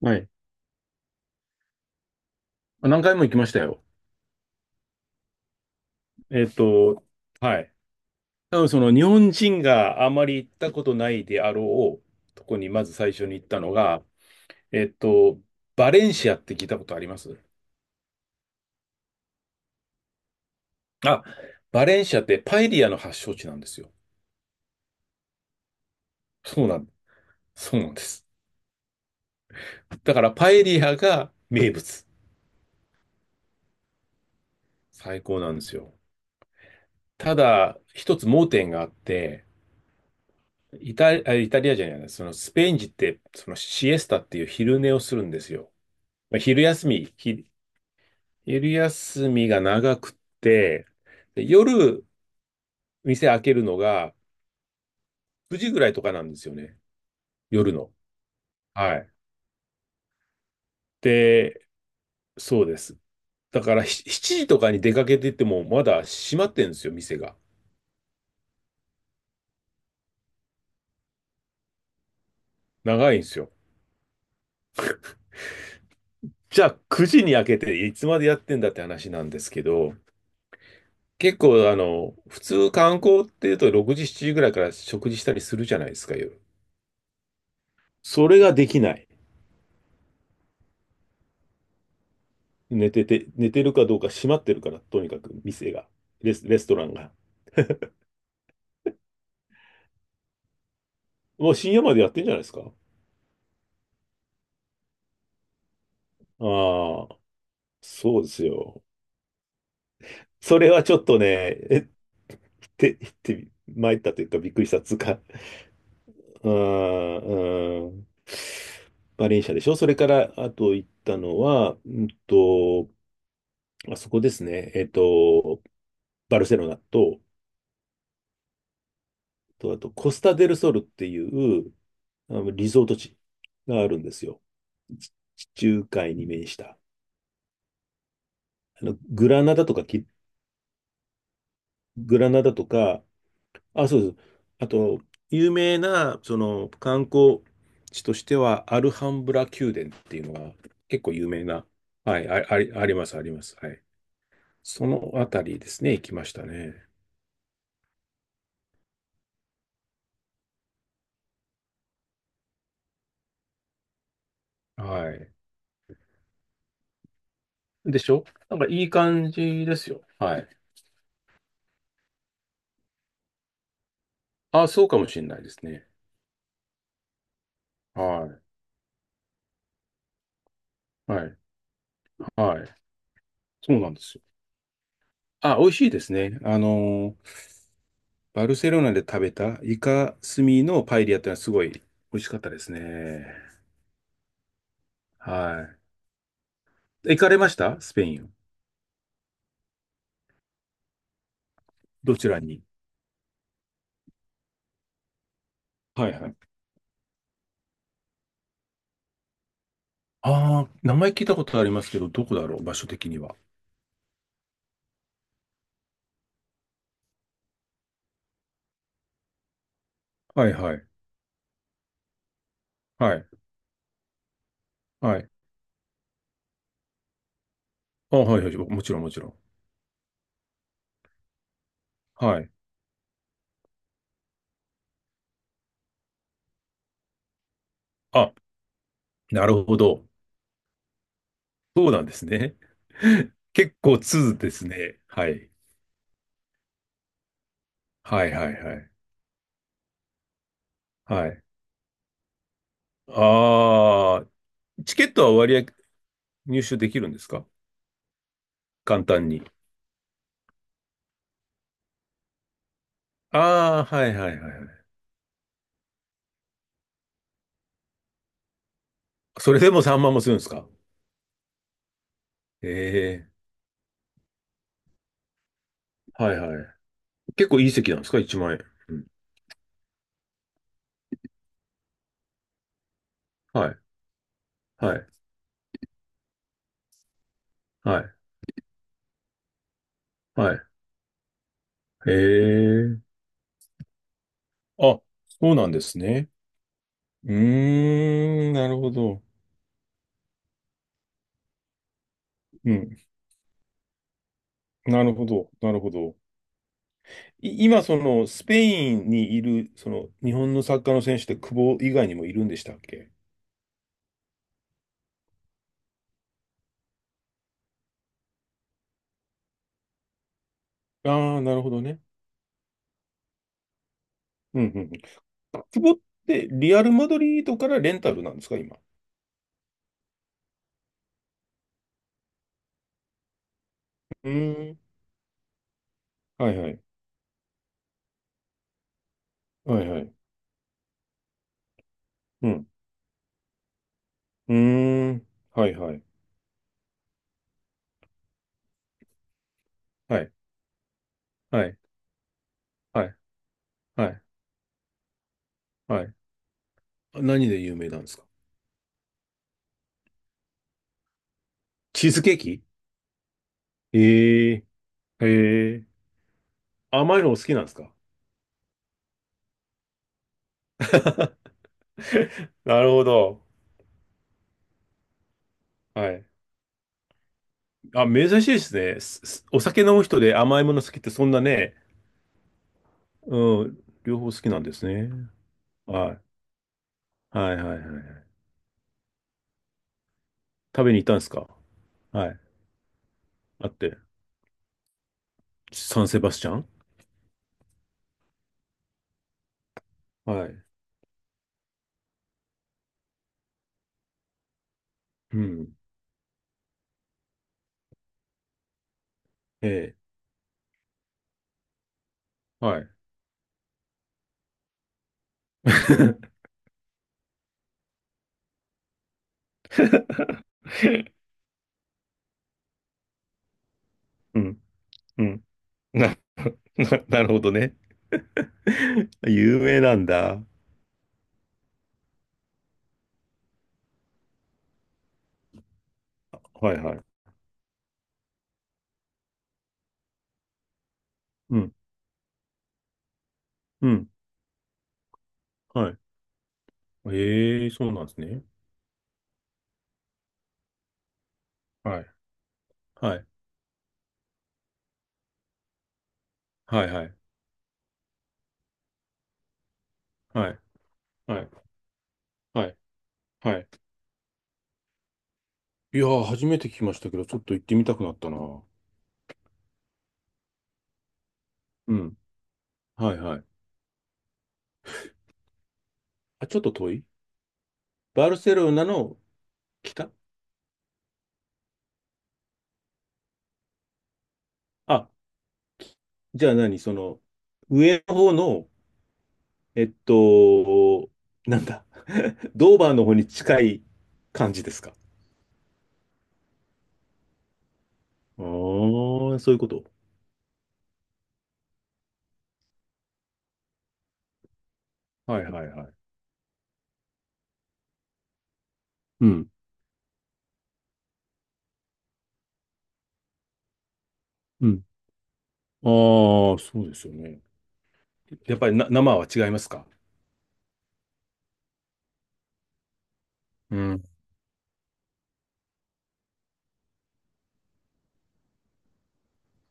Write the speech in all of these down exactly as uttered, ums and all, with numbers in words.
はい。何回も行きましたよ。えっと、はい。多分その日本人があまり行ったことないであろうとこにまず最初に行ったのが、えっと、バレンシアって聞いたことあります？あ、バレンシアってパエリアの発祥地なんですよ。そうなん、そうなんです。だからパエリアが名物。最高なんですよ。ただ、一つ盲点があって、イタ、あイタリアじゃない、そのスペイン人って、そのシエスタっていう昼寝をするんですよ。まあ、昼休み、ひ昼休みが長くって、で夜、店開けるのがくじぐらいとかなんですよね。夜の。はい。で、そうです。だからひしちじとかに出かけてってもまだ閉まってんですよ、店が。長いんですよ。じゃあくじに開けていつまでやってんだって話なんですけど、結構あの、普通観光っていうとろくじ、しちじぐらいから食事したりするじゃないですか、夜。それができない。寝てて、寝てるかどうか閉まってるから、とにかく店が、レス、レストランが。もう深夜までやってんじゃないですか？ああ、そうですよ。それはちょっとね、えって、って、参ったというかびっくりしたっつうか、うん、うん。バレンシアでしょ、それから、あと行ったのは、うんと、あそこですね。えっと、バルセロナと、とあと、コスタデルソルっていう、あの、リゾート地があるんですよ。地中海に面した。あの、グラナダとかキ、グラナダとか、あ、そうです。あと、有名な、その、観光地としては、アルハンブラ宮殿っていうのが、結構有名な、はい、あ、あり、あります、あります。はい。そのあたりですね、行きましたね。はい。でしょ、なんかいい感じですよ。はい。あ、そうかもしれないですね。はい。はい。はい。そうなんですよ。あ、美味しいですね。あの、バルセロナで食べたイカスミのパエリアってのはすごい美味しかったですね。はい。行かれましたスペイン？どちらに？はいはい。ああ、名前聞いたことありますけど、どこだろう、場所的には。はいはい。はい。はい。あ、はいはい。もちろんもちろん。はい。あ、なるほど。そうなんですね。結構通ですね。はい。はいはいはい。はい。ああ、チケットは割合入手できるんですか？簡単に。ああ、はいはいはいはい。それでもさんまんもするんですか？ええ、はいはい。結構いい席なんですか ?いちまんえん。うん。はい。はい、はい、はい。へえ。あ、そうなんですね。うーん、なるほど。うん、なるほど、なるほど。い今、その、スペインにいる、その、日本のサッカーの選手って久保以外にもいるんでしたっけ？ああー、なるほどね。うん、うん。うん、久保って、リアルマドリードからレンタルなんですか、今？うーん、はいはい、はいはい。うん、うーん、はいはい、はい、はい、はい、はい、はい。何で有名なんですか？チーズケーキ？ええ、へえ。甘いのお好きなんですか？ なるほど。はい。あ、珍しいですね。すすお酒飲む人で甘いもの好きってそんなね、うん、両方好きなんですね。はい。はいはいはいはい。食べに行ったんですか？はい。あって。サンセバスチャン？はい。うん。ええ。はい。うん。うん。な、な、なるほどね。有名なんだ。はいはい。うん。うん。はい。ええ、そうなんですね。はい。はい。はいはい。はい。はい。はい。はい。いやー、初めて聞きましたけど、ちょっと行ってみたくなったな。うん。はいはい。あ、ちょっと遠い？バルセロナの北？あ、じゃあ何、その、上の方の、えっと、なんだ、 ドーバーの方に近い感じですか？ああー、そういうこと。はいはいはい。うん。うん。ああ、そうですよね。やっぱりな、生は違いますか？うん、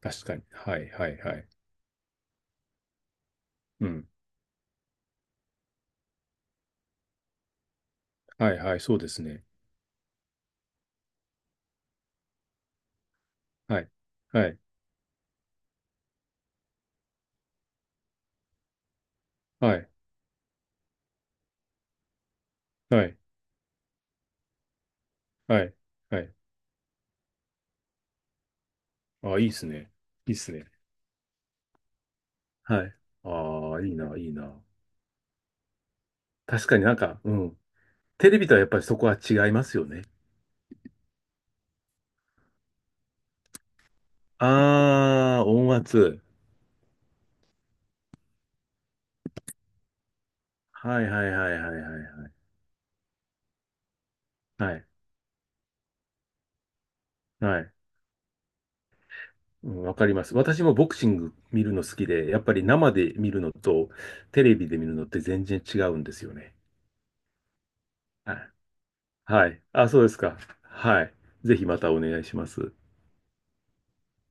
確かに。はいはいはい。うん。はいはい、そうですね。はい。はい。はい。はい。はい。はい。あ、いいですね。いいですね。はい。ああ、いいな、いいな。確かになんか、うん。テレビとはやっぱりそこは違いますよね。ああ、音圧。はいはいはいはいはいはい。はい。はい。うん、わかります。私もボクシング見るの好きで、やっぱり生で見るのとテレビで見るのって全然違うんですよね。はい。あ、そうですか。はい。ぜひまたお願いします。